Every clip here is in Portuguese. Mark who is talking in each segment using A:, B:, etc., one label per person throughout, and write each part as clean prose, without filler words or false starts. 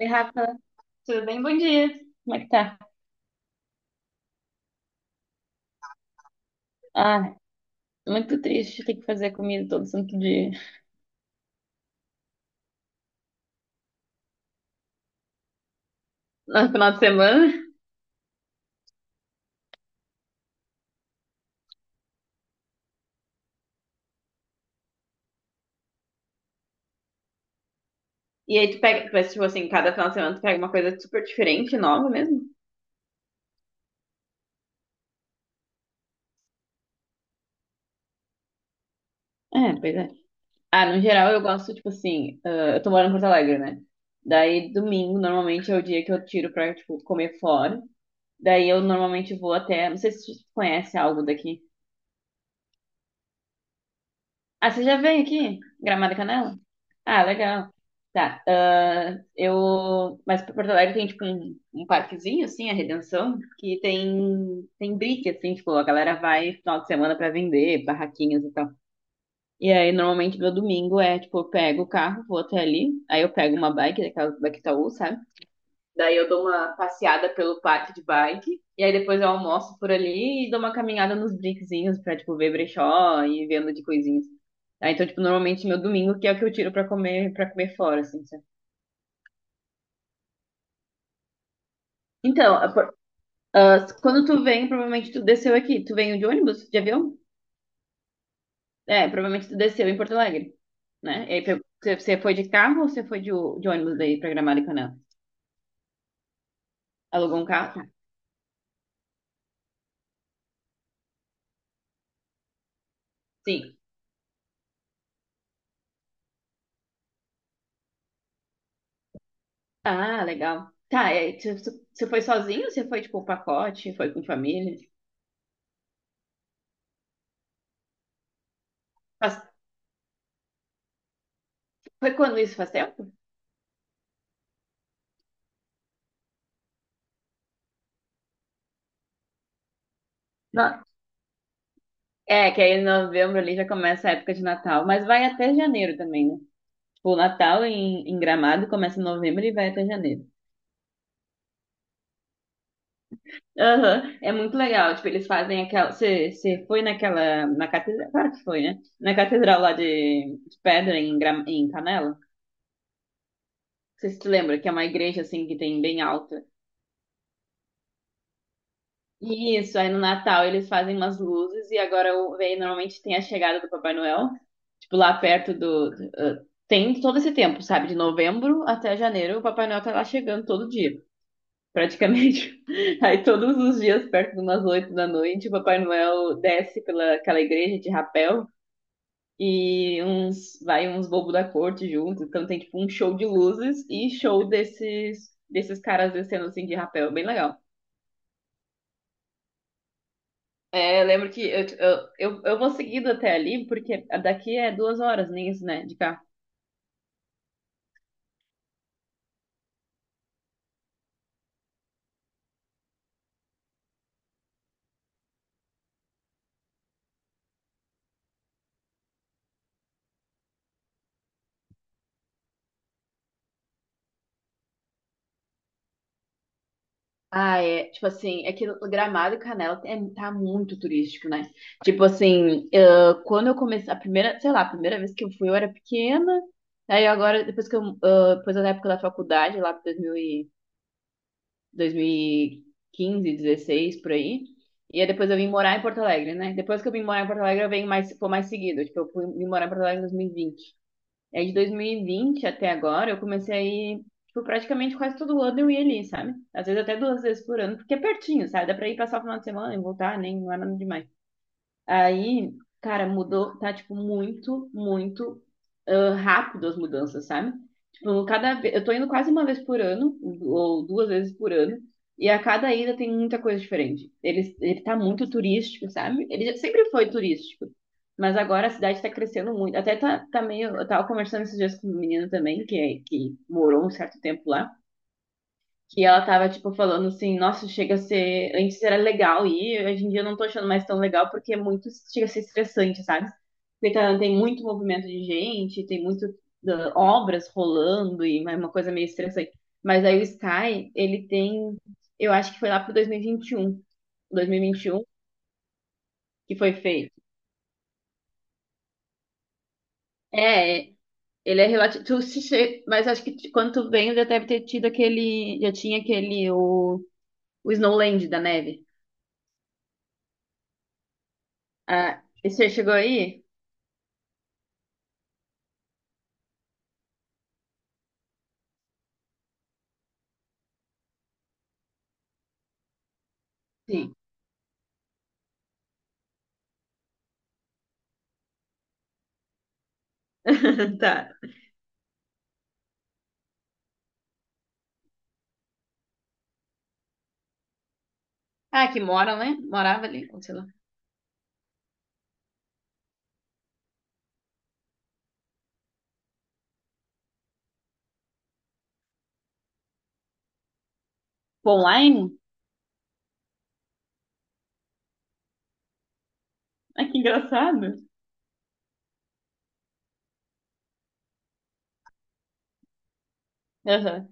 A: Oi, Rafa, tudo bem? Bom dia. Como é que tá? Ah, muito triste ter que fazer comida todo santo dia. No final de semana? E aí tu pega, mas tipo assim, cada final de semana tu pega uma coisa super diferente, nova mesmo? É, pois é. Ah, no geral eu gosto, tipo assim, eu tô morando em Porto Alegre, né? Daí domingo normalmente é o dia que eu tiro pra, tipo, comer fora. Daí eu normalmente vou até, não sei se tu conhece algo daqui. Ah, você já veio aqui? Gramado e Canela? Ah, legal. Tá. ah, eu. Mas pra Porto Alegre tem, tipo, um parquezinho, assim, a Redenção, que tem, tem brick, assim, tipo, a galera vai final de semana pra vender, barraquinhas e tal. E aí, normalmente, meu domingo é, tipo, eu pego o carro, vou até ali, aí eu pego uma bike, daquelas da Itaú, sabe? Daí eu dou uma passeada pelo parque de bike. E aí depois eu almoço por ali e dou uma caminhada nos brinquezinhos pra, tipo, ver brechó e vendo de coisinhas. Ah, então, tipo, normalmente meu domingo que é o que eu tiro pra comer, para comer fora, assim, sabe? Então, a por- ah, quando tu vem, provavelmente tu desceu aqui. Tu veio de ônibus, de avião? É, provavelmente tu desceu em Porto Alegre, né? E aí, você foi de carro ou você foi de, de ônibus daí pra Gramado e Canela? Alugou um carro? Tá. Sim. Ah, legal. Tá, é, você foi sozinho? Você foi, tipo, o pacote? Foi com família? Faz- foi quando isso? Faz tempo? Não. É, que aí em novembro ali já começa a época de Natal, mas vai até janeiro também, né? Tipo, o Natal em Gramado começa em novembro e vai até janeiro. Aham. É muito legal. Tipo, eles fazem aquela. Você foi naquela. Na catedral. Claro que foi, né? Na catedral lá de Pedra, em Canela. Não sei se tu lembra, que é uma igreja assim que tem bem alto. Isso, aí no Natal eles fazem umas luzes e agora aí normalmente tem a chegada do Papai Noel, tipo lá perto ah, tem todo esse tempo, sabe? De novembro até janeiro, o Papai Noel tá lá chegando todo dia, praticamente. Aí todos os dias, perto de umas oito da noite, o Papai Noel desce pela aquela igreja de rapel e uns vai uns bobos da corte junto, então tem tipo um show de luzes e show desses caras descendo assim de rapel, bem legal. É, eu lembro que eu vou seguindo até ali, porque daqui é duas horas, nem isso, né, de cá. Ah, é, tipo assim, é que Gramado e Canela é, tá muito turístico, né? Tipo assim, quando eu comecei, a primeira, sei lá, a primeira vez que eu fui eu era pequena, aí agora, depois que eu, depois da época da faculdade, lá pra 2000 e- 2015, 16, por aí, e aí depois eu vim morar em Porto Alegre, né? Depois que eu vim morar em Porto Alegre, eu venho mais, foi mais seguido, tipo, eu fui, vim morar em Porto Alegre em 2020. É de 2020 até agora, eu comecei a ir, tipo, praticamente quase todo ano eu ia ali, sabe? Às vezes até duas vezes por ano, porque é pertinho, sabe? Dá pra ir passar o final de semana e voltar, nem não é nada demais. Aí, cara, mudou, tá, tipo, rápido as mudanças, sabe? Tipo, cada vez, eu tô indo quase uma vez por ano, ou duas vezes por ano, e a cada ida tem muita coisa diferente. Ele tá muito turístico, sabe? Sempre foi turístico, mas agora a cidade tá crescendo muito. Até tá, tá meio, eu tava conversando esses dias com um menino também, que morou um certo tempo lá, que ela tava, tipo, falando assim, nossa, chega a ser, antes era legal e hoje em dia eu não tô achando mais tão legal porque é muito, chega a ser estressante, sabe? Tem muito movimento de gente, tem muito obras rolando e é uma coisa meio estressante. Mas aí o Sky, ele tem, eu acho que foi lá pro 2021 que foi feito. É, ele é relativo, tu se che- mas acho que quando tu veio já deve ter tido aquele, já tinha o Snowland da neve. Ah, e você chegou aí? Sim. Tá. Ah, que mora, né? Morava ali, ou sei lá. Online? Ah, que engraçado. Aham.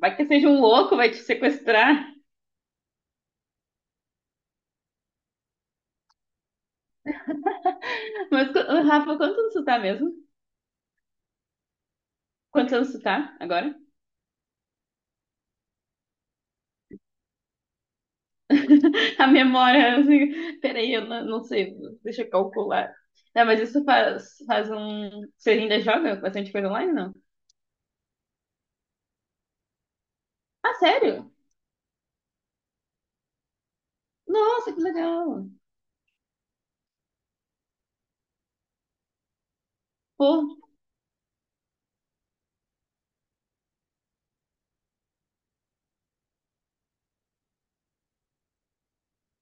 A: Vai que seja um louco, vai te sequestrar. Mas, ô, Rafa, quantos anos tu tá mesmo? Quantos anos tu tá agora? A memória, assim, peraí, eu não, não sei, deixa eu calcular. Não, mas isso faz, faz um. Você ainda joga bastante coisa online, não? Ah, sério? Nossa, que legal! Pô,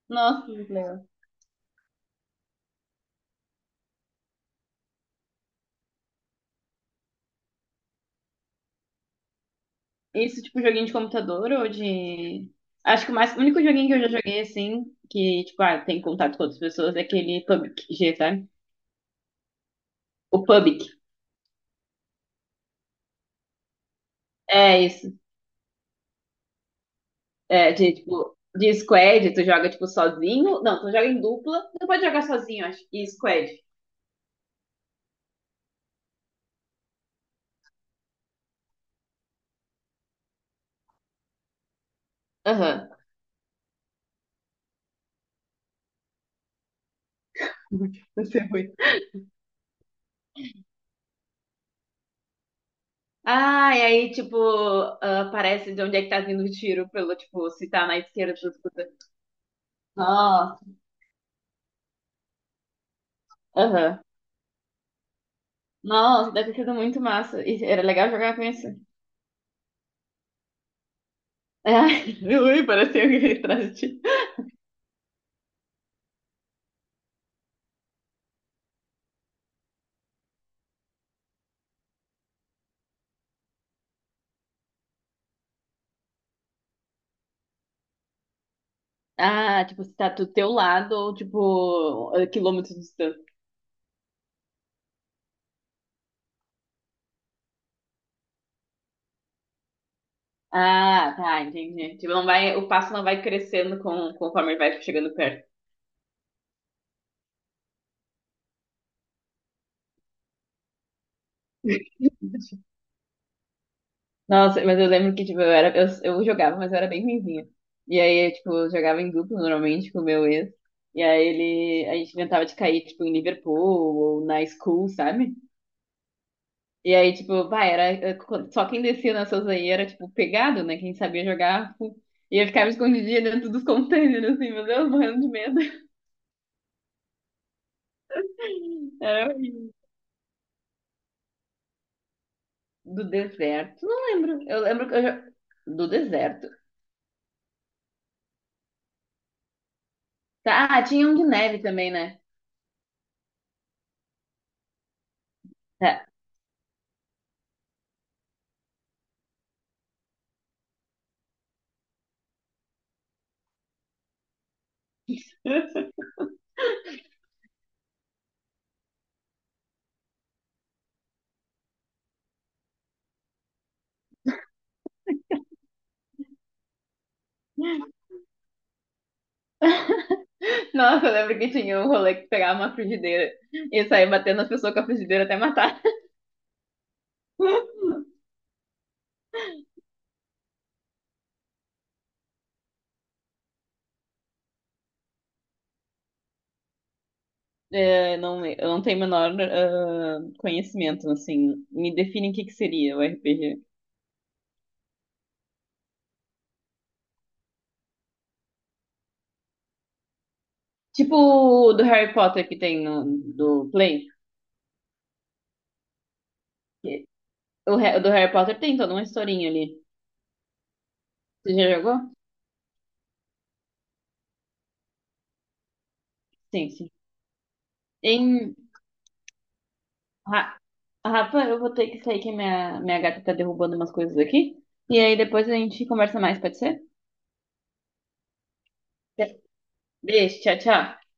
A: nossa, que legal. Isso, tipo, joguinho de computador ou de. Acho que mais... o único joguinho que eu já joguei assim, que, tipo, ah, tem contato com outras pessoas, é aquele PUBG, sabe? O PUBG. É isso. É, de, tipo, de squad, tu joga, tipo, sozinho. Não, tu joga em dupla. Tu pode jogar sozinho, acho. E squad. Aham. Você é muito. Ah, e aí, tipo, ah, aparece de onde é que tá vindo o tiro, pelo, tipo, se tá na esquerda, tu escuta. Nossa. Aham. Nossa, deve ter sido muito massa. E era legal jogar com esse. Ah, ui, parece alguém atrás de ti. Ah, tipo, se tá do teu lado ou, tipo, a quilômetros de distância. Ah, tá, entendi. Tipo, não vai, o passo não vai crescendo com, conforme ele vai chegando perto. Nossa, mas eu lembro que, tipo, eu jogava, mas eu era bem ruinzinha. E aí, tipo, jogava em duplo normalmente com o meu ex. E aí ele, a gente inventava de cair, tipo, em Liverpool ou na school, sabe? E aí, tipo, vai, era. Só quem descia nessas aí era, tipo, pegado, né? Quem sabia jogar. Tipo, e eu ficava escondidinha dentro dos containers, assim, meu Deus, morrendo de medo. Era horrível. Do deserto, não lembro. Eu lembro que eu já... Do deserto. Tá, ah, tinha um de neve também, né? Tá. Nossa, eu lembro que tinha um rolê que pegava uma frigideira e saía batendo as pessoas com a frigideira até matar. É, não, eu não tenho o menor conhecimento, assim. Me define o que que seria o RPG. Tipo o do Harry Potter que tem no, do Play. Que- O o do Harry Potter tem toda uma historinha ali. Você já jogou? Sim, sim. Em, Ra- Rafa, eu vou ter que sair que a minha gata tá derrubando umas coisas aqui. E aí depois a gente conversa mais, pode ser? Tá. Beijo, tchau, tchau.